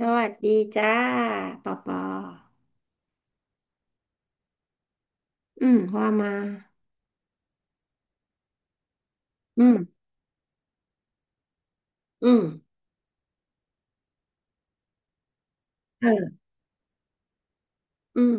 สวัสดีจ้าปอปออืมว่ามา อืมอืมเอออืม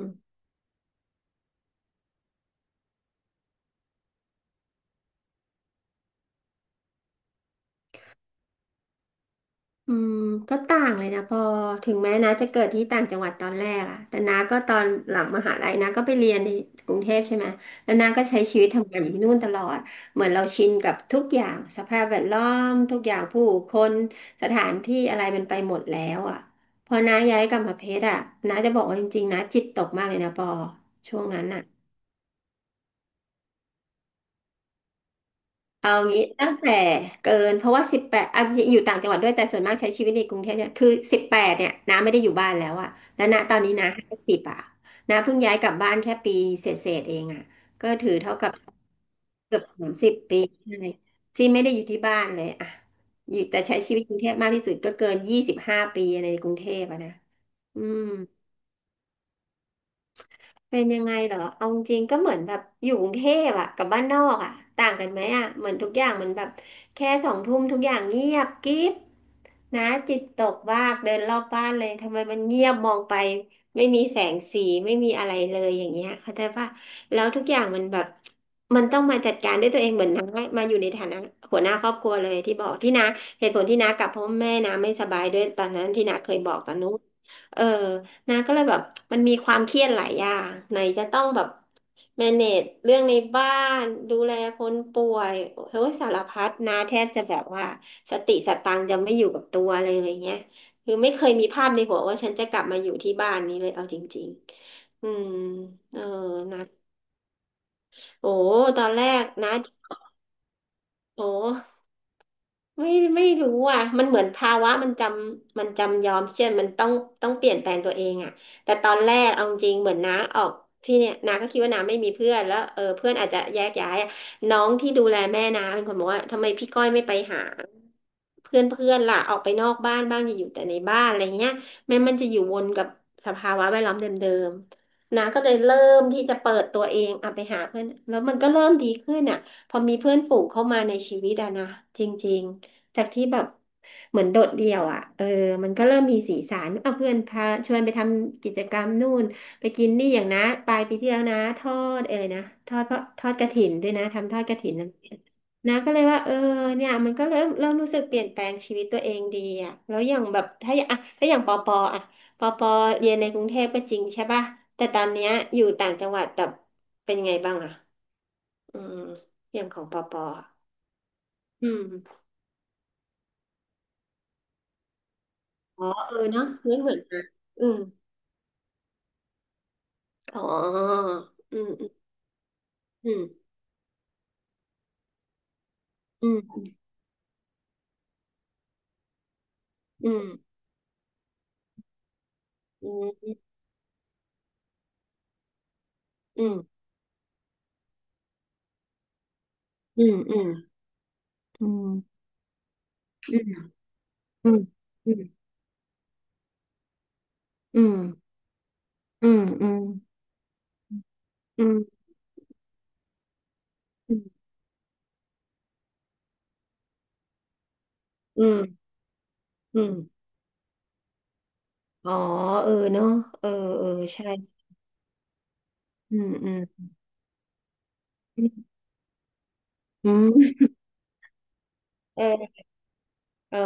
อืมก็ต่างเลยนะปอถึงแม้นะจะเกิดที่ต่างจังหวัดตอนแรกอะแต่นาก็ตอนหลังมหาลัยนาก็ไปเรียนในกรุงเทพใช่ไหมแล้วนาก็ใช้ชีวิตทำงานอยู่ที่นู่นตลอดเหมือนเราชินกับทุกอย่างสภาพแวดล้อมทุกอย่างผู้คนสถานที่อะไรมันไปหมดแล้วอะพอน้าย้ายกลับมาเพชรอะน้าจะบอกว่าจริงๆนาจิตตกมากเลยนะปอช่วงนั้นอะ เอางี้ตั้งแต่เกินเพราะว่า18อะอยู่ต่างจังหวัดด้วยแต่ส่วนมากใช้ชีวิตในกรุงเทพเนี่ยคือสิบแปดเนี่ยน้าไม่ได้อยู่บ้านแล้วอะแล้วณตอนนี้น้า50อะน้าเพิ่งย้ายกลับบ้านแค่ปีเศษเศษเองอะก็ถือเท่ากับเกือบ 30 ปีใช่ที่ไม่ได้อยู่ที่บ้านเลยอะอยู่แต่ใช้ชีวิตกรุงเทพมากที่สุดก็เกิน25 ปีในกรุงเทพอะนะอืม เป็นยังไงเหรอเอาจริงๆก็เหมือนแบบอยู่กรุงเทพอะกับบ้านนอกอะต่างกันไหมอะเหมือนทุกอย่างมันแบบแค่สองทุ่มทุกอย่างเงียบกริบนะจิตตกมากเดินรอบบ้านเลยทำไมมันเงียบมองไปไม่มีแสงสีไม่มีอะไรเลยอย่างเงี้ยเข้าใจป่ะแล้วทุกอย่างมันแบบมันต้องมาจัดการด้วยตัวเองเหมือนน้ามาอยู่ในฐานะหัวหน้าครอบครัวเลยที่บอกที่น้าเหตุผลที่น้ากลับเพราะแม่น้าไม่สบายด้วยตอนนั้นที่น้าเคยบอกตอนนู้นเออ นะก็เลยแบบมันมีความเครียดหลายอย่างไหนจะต้องแบบ manage เรื่องในบ้านดูแลคนป่วยเฮ้ยสารพัดนะแทบจะแบบว่าสติสตังค์จะไม่อยู่กับตัวเลยอะไรเงี้ยคือไม่เคยมีภาพในหัวว่าฉันจะกลับมาอยู่ที่บ้านนี้เลยเอาจริงๆอืมเออนะโอ้ตอนแรกนะโอ้ ไม่ไม่รู้อ่ะ มันเหมือนภาวะมันจำยอมเช่นมันต้องเปลี่ยนแปลงตัวเองอ่ะ แต่ตอนแรกเอาจริงเหมือนน้าออกที่เนี่ยน้าก็คิดว่าน้าไม่มีเพื่อนแล้วเออเพื่อนอาจจะแยกย้ายอะน้องที่ดูแลแม่น้าเป็นคนบอกว่าทำไมพี่ก้อยไม่ไปหาเพื่อนเพื่อนล่ะออกไปนอกบ้านบ้างอย่าอยู่แต่ในบ้านอะไรเงี้ยแม้มันจะอยู่วนกับสภาวะแวดล้อมเดิมๆน้าก็เลยเริ่มที่จะเปิดตัวเองอ่ะไปหาเพื่อนแล้วมันก็เริ่มดีขึ้นอ่ะพอมีเพื่อนฝูงเข้ามาในชีวิตอะนะจริงๆ จากที่แบบเหมือนโดดเดี่ยวอ่ะเออมันก็เริ่มมีสีสันเอาเพื่อนพาชวนไปทำกิจกรรมนู่นไปกินนี่อย่างนะปลายปีที่แล้วนะทอดอะไรนะทอดเพราะทอดกฐินด้วยนะทำทอดกฐินนะนะก็เลยว่าเออเนี่ยมันก็เริ่มรู้สึกเปลี่ยนแปลงชีวิตตัวเองดีอ่ะแล้วอย่างแบบถ้าอย่างอ่ะถ้าอย่างปอปออ่ะปอปอเรียนในกรุงเทพก็จริงใช่ป่ะแต่ตอนเนี้ยอยู่ต่างจังหวัดแต่เป็นไงบ้างอ่ะอืมอย่างของปอปออ่ะอืมอ๋อเออเนาะไม่เหมือนกันอืม อ๋ออืมอืมอืมอืมอืมอืมอืมอืมอืมอืมอืมอืมอืมอืมอืมอืมอืมอืมอมอ๋อเออเนาะเออเออใช่อืมอืมอืมอืมเอออ๋อ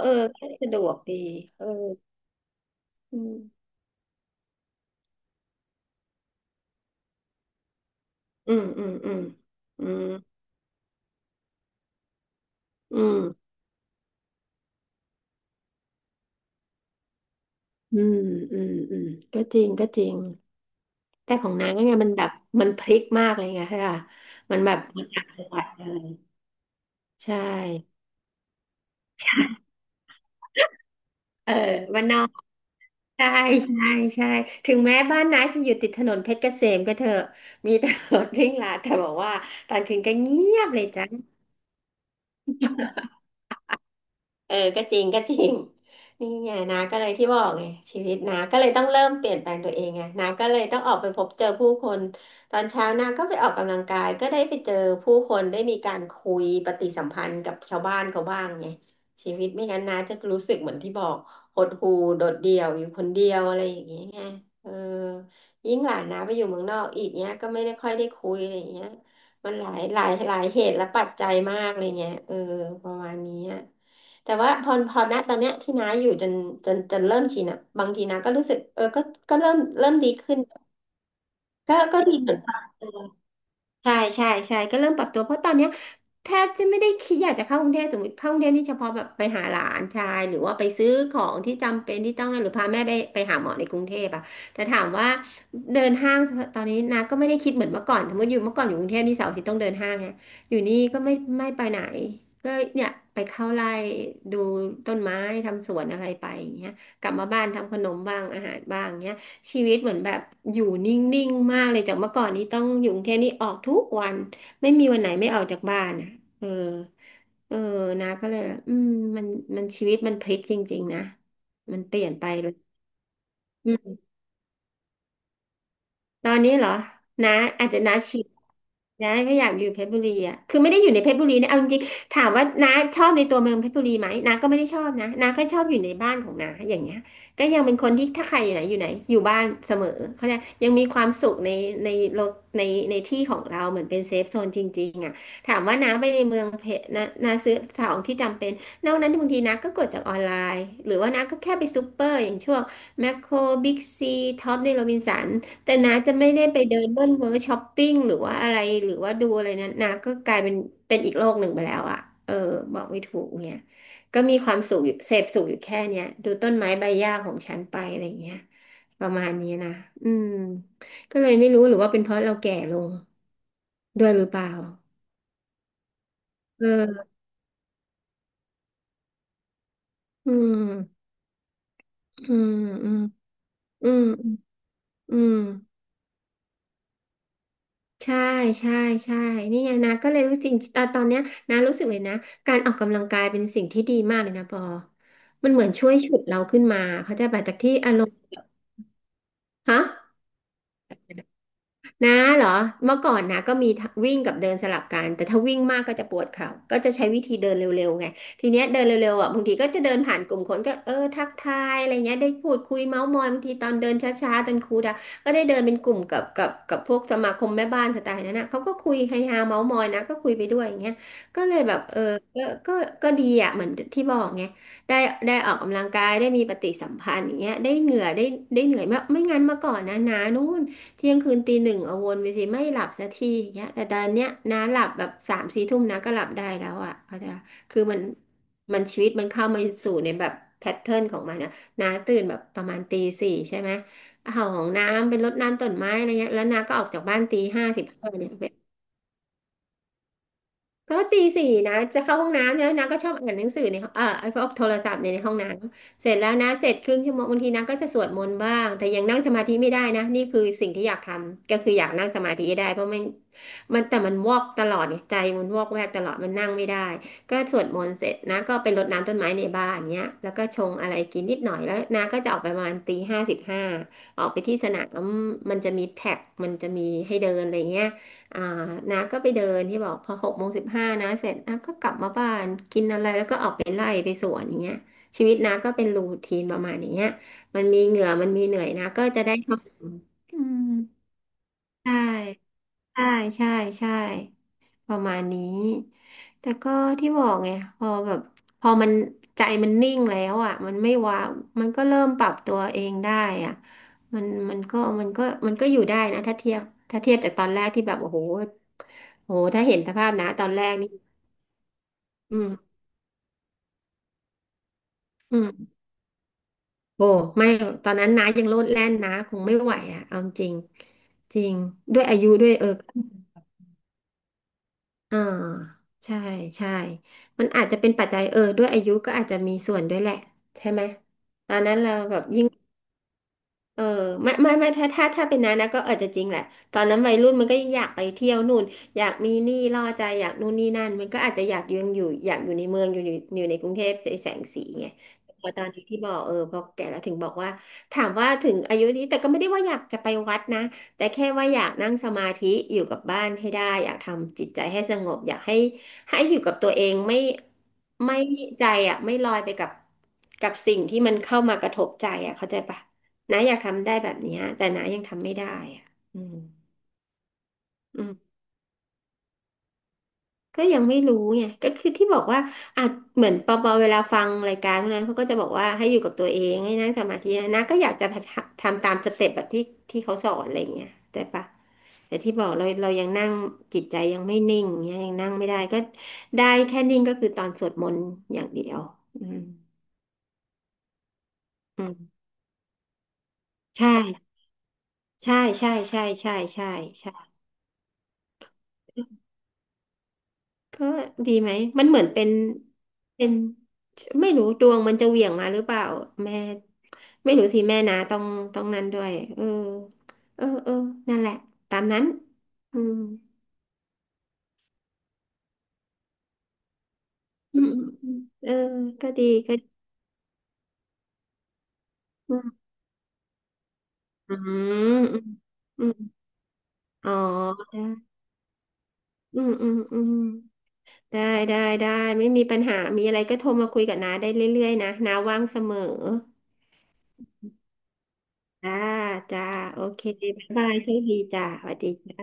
เออก็สะดวกดีเอออืมอืมอืมอืมอืมอืมอืมอืมอืมก็จริงก็จริง แต่ของนางก็เนี่ยมันแบบมันพลิกมากเลยไงค่ะมันแบบมันอักจังหวัดเลยใช่ เออวันนอกใช่ใช่ใช่ถึงแม้บ้านน้าจะอยู่ติดถนนเพชรเกษมก็เถอะมีตำรวจวิ่งลาดแต่บอกว่าตอนคืนก็เงียบเลยจ้า เออก็จริงก็จริง นี่ไงนาก็เลยที่บอกไงชีวิตนาก็เลยต้องเริ่มเปลี่ยนแปลงตัวเองไงนาก็เลยต้องออกไปพบเจอผู้คนตอนเช้านาก็ไปออกกำลังกายก็ได้ไปเจอผู้คนได้มีการคุยปฏิสัมพันธ์กับชาวบ้านเขาบ้างไงชีวิตไม่งั้นนาจะรู้สึกเหมือนที่บอกหดหู่โดดเดี่ยวอยู่คนเดียวอะไรอย่างเงี้ยไงเออยิ่งหลานนาไปอยู่เมืองนอกอีกเนี้ยก็ไม่ได้ค่อยได้คุยอะไรอย่างเงี้ยมันหลายเหตุและปัจจัยมากเลยเงี้ยเออประมาณนี้อะ แต่ว่าพอณตอนเนี้ยที่น้าอยู่จนเริ่มชินอ่ะบางทีน้าก็รู้สึกเออก็เริ่มดีขึ้น ก็ดีเหมือนกัน ใช่ใช่ใช่ก็เริ่มปรับตัวเพราะตอนเนี้ยแทบจะไม่ได้คิดอยากจะเข้ากรุงเทพสมมติเข้ากรุงเทพนี่เฉพาะแบบไปหาหลานชายหรือว่าไปซื้อของที่จำเป็นที่ต้องหรือพาแม่ไปหาหมอในกรุงเทพอะแต่ถามว่าเดินห้างตอนนี้นะก็ไม่ได้คิดเหมือนเมื่อก่อนสมมติอยู่เมื่อก่อนอยู่กรุงเทพนี่เสาร์อาทิตย์ต้องเดินห้างไงอยู่นี่ก็ไม่ไปไหนก็เนี่ยไปเข้าไร่ดูต้นไม้ทำสวนอะไรไปอย่างเงี้ยกลับมาบ้านทำขนมบ้างอาหารบ้างเงี้ย ชีวิตเหมือนแบบอยู่นิ่งๆมากเลยจากเมื่อก่อนนี้ต้องอยู่กรุงเทพนี่ออกทุกวันไม่มีวันไหนไม่ออกจากบ้านอ่ะเออเออนะก็เลยอืมมันมันชีวิตมันพลิกจริงๆนะมันเปลี่ยนไปเลยอืมตอนนี้เหรอนะอาจจะนะชิ น้าไม่อยากอยู่เพชรบุรีอ่ะคือไม่ได้อยู่ในเพชรบุรีนะเอาจริงๆถามว่าน้าชอบในตัวเมืองเพชรบุรีไหมน้าก็ไม่ได้ชอบนะน้าก็ชอบอยู่ในบ้านของน้าอย่างเงี้ยก็ยังเป็นคนที่ถ้าใครอยู่ไหนอยู่ไหนอยู่บ้านเสมอเขาใจยังมีความสุขในโลกในในที่ของเราเหมือนเป็นเซฟโซนจริงๆอ่ะถามว่าน้าไปในเมืองเพชรน้าซื้อของที่จำเป็นนอกนั้นบางทีน้าก็กดจากออนไลน์หรือว่าน้าก็แค่ไปซูเปอร์อย่างช่วงแมคโครบิ๊กซีท็อปในโรบินสัน แต่น้าจะไม่ได้ไปเดินเบิ้ลเวอร์ช้อปปิ้งหรือว่าอะไรหรือว่าดูอะไรนั้นน้าก็กลายเป็นอีกโลกหนึ่งไปแล้วอะเออบอกไม่ถูกเนี่ยก็มีความสุขอยู่เสพสุขอยู่แค่เนี้ยดูต้นไม้ใบหญ้าของฉันไปอะไรเงี้ยประมาณนี้นะอืมก็เลยไม่รู้หรือว่าเป็นเพราะเราแก่ลงด้วยหรือเปล่าเอออืมอืมอืมอืมอืม ใช่ใช่ใช่ นี่ไงนะ ก็เลยรู้จริงตอนเนี้ยนะรู้สึกเลยนะ การออกกำลังกายเป็นสิ่งที่ดีมากเลยนะปอมันเหมือนช่วยฉุดเราขึ้นมา เขาใจะแบบจากที่อารมณ์ฮะ นะเหรอเมื่อก่อนนะก็มีวิ่งกับเดินสลับกันแต่ถ้าวิ่งมากก็จะปวดเข่าก็จะใช้วิธีเดินเร็วๆไงทีเนี้ยเดินเร็วๆอ่ะบางทีก็จะเดินผ่านกลุ่มคนก็เออทักทายอะไรเงี้ยได้พูดคุยเมาท์มอยบางทีตอนเดินช้าๆตอนครูดาก็ได้เดินเป็นกลุ่มกับพวกสมาคมแม่บ้านสไตล์นั้นนะเขาก็คุยเฮฮาเมาท์มอยนะก็คุยไปด้วยอย่างเงี้ยก็เลยแบบเออก็ก็ก็ดีอ่ะเหมือนที่บอกไงได้ได้ออกกำลังกายได้มีปฏิสัมพันธ์อย่างเงี้ยได้เหงื่อได้เหนื่อยมากไม่งั้นเมื่อก่อนนะนู้น เที่ยงคืนตีหนึ่งเอาวนไปสิไม่หลับสักทีอย่างเงี้ยแต่ดันเนี้ยน้าหลับแบบสามสี่ทุ่มน้าก็หลับได้แล้วอ่ะเพราะจะคือมันชีวิตมันเข้ามาสู่ในแบบแพทเทิร์นของมันนะน้าตื่นแบบประมาณตีสี่ใช่ไหมเอาของน้ำเป็นรดน้ำต้นไม้อะไรเงี้ย แล้วน้าก็ออกจากบ้านตีห้าสิบห้าเนี่ยไป ก็ตีสี่นะจะเข้าห้องน้ำแล้วนะก็ชอบอ่านหนังสือในห้องเออไอ้พวกโทรศัพท์เนี่ยในห้องน้ำเสร็จแล้วนะเสร็จครึ่งชั่วโมงบางทีนะก็จะสวดมนต์บ้างแต่ยังนั่งสมาธิไม่ได้นะนี่คือสิ่งที่อยากทำก็คืออยากนั่งสมาธิให้ได้เพราะมันแต่มันวอกตลอดเนี่ยใจมันวอกแวกตลอดมันนั่งไม่ได้ก็สวดมนต์เสร็จนะก็ไปรดน้ำต้นไม้ในบ้านเนี้ยแล้วก็ชงอะไรกินนิดหน่อยแล้วนะก็จะออกไปประมาณตีห้าสิบห้าออกไปที่สนามมันจะมีแท็กมันจะมีให้เดินอะไรเงี้ย อ่าน้าก็ไปเดินที่บอกพอหกโมงสิบห้านะเสร็จน้าก็กลับมาบ้านกินอะไรแล้วก็ออกไปไล่ไปสวนอย่างเงี้ยชีวิตน้าก็เป็นรูทีนประมาณอย่างเงี้ยมันมีเหงื่อมันมีเหนื่อยน้าก็จะได้ทำอืมใช่ใช่ใช่ใช่ ประมาณนี้ แต่ก็ที่บอกไงพอแบบพอมันใจมันนิ่งแล้วอ่ะมันไม่ว้าวมันก็เริ่มปรับตัวเองได้อ่ะ มันก็มันก็อยู่ได้นะถ้าเทียบจากตอนแรกที่แบบโอ้โหถ้าเห็นสภาพนะตอนแรกนี่อืมอืมโอ้ไม่หรอกตอนนั้นนายังโลดแล่นนะคงไม่ไหวอ่ะเอาจริงจริงด้วยอายุด้วยเออ อ่าใช่ใช่มันอาจจะเป็นปัจจัยเออด้วยอายุก็อาจจะมีส่วนด้วยแหละใช่ไหมตอนนั้นเราแบบยิ่ง เออไม่ถ้าเป็นนั้นนะก็อาจจะจริงแหละตอนนั้นวัยรุ่นมันก็อยากไปเที่ยวนู่นอยากมีหนี้ล่อใจอยากนู่นนี่นั่นมันก็อาจจะอยากยังอยู่อยากอยู่ในเมืองอยู่ในกรุงเทพแสงสีไงพอตอนนี้ที่บอกเออพอแก่แล้วถึงบอกว่าถามว่าถึงอายุนี้แต่ก็ไม่ได้ว่าอยากจะไปวัดนะแต่แค่ว่าอยากนั่งสมาธิอยู่กับบ้านให้ได้อยากทำจิตใจให้สงบอยากให้ให้อยู่กับตัวเองไม่ไม่ใจอ่ะไม่ลอยไปกับกับสิ่งที่มันเข้ามากระทบใจอ่ะเข้าใจปะ น้าอยากทำได้แบบเนี้ยแต่น้ายังทำไม่ได้อ่ะอืมอืมก็ยังไม่รู้ไงก็คือที่บอกว่าอ่ะเหมือนปอปอเวลาฟังรายการพวกนั้นเขาก็จะบอกว่าให้อยู่กับตัวเองให้นั่งสมาธินะน้าก็อยากจะทำตามสเต็ปแบบที่ที่เขาสอนอะไรอย่างเงี้ยแต่ปะแต่ที่บอกเราเรายังนั่งจิตใจยังไม่นิ่งเงี้ยยังนั่งไม่ได้ก็ได้แค่นิ่งก็คือตอนสวดมนต์อย่างเดียวอืมอืมใช่ใช่ใช่ใช่ใช่ใช่ใช่ ก็ดีไหมมันเหมือนเป็นเป็นไม่รู้ดวงมันจะเหวี่ยงมาหรือเปล่าแม่ไม่รู้สิแม่นะต้องต้องนั้นด้วยเออเออเออนั่นแหละตามนั้นอืมอืมอืมเออก็ดีก็ดีอืมอืมอืมอ๋อได้อืมอืมอืมได้ได้ได้ไม่มีปัญหามีอะไรก็โทรมาคุยกับน้าได้เรื่อยๆนะน้าว่างเสมอจ้าจ้าโอเคบ๊ายบายโชคดีจ้าสวัสดีจ้า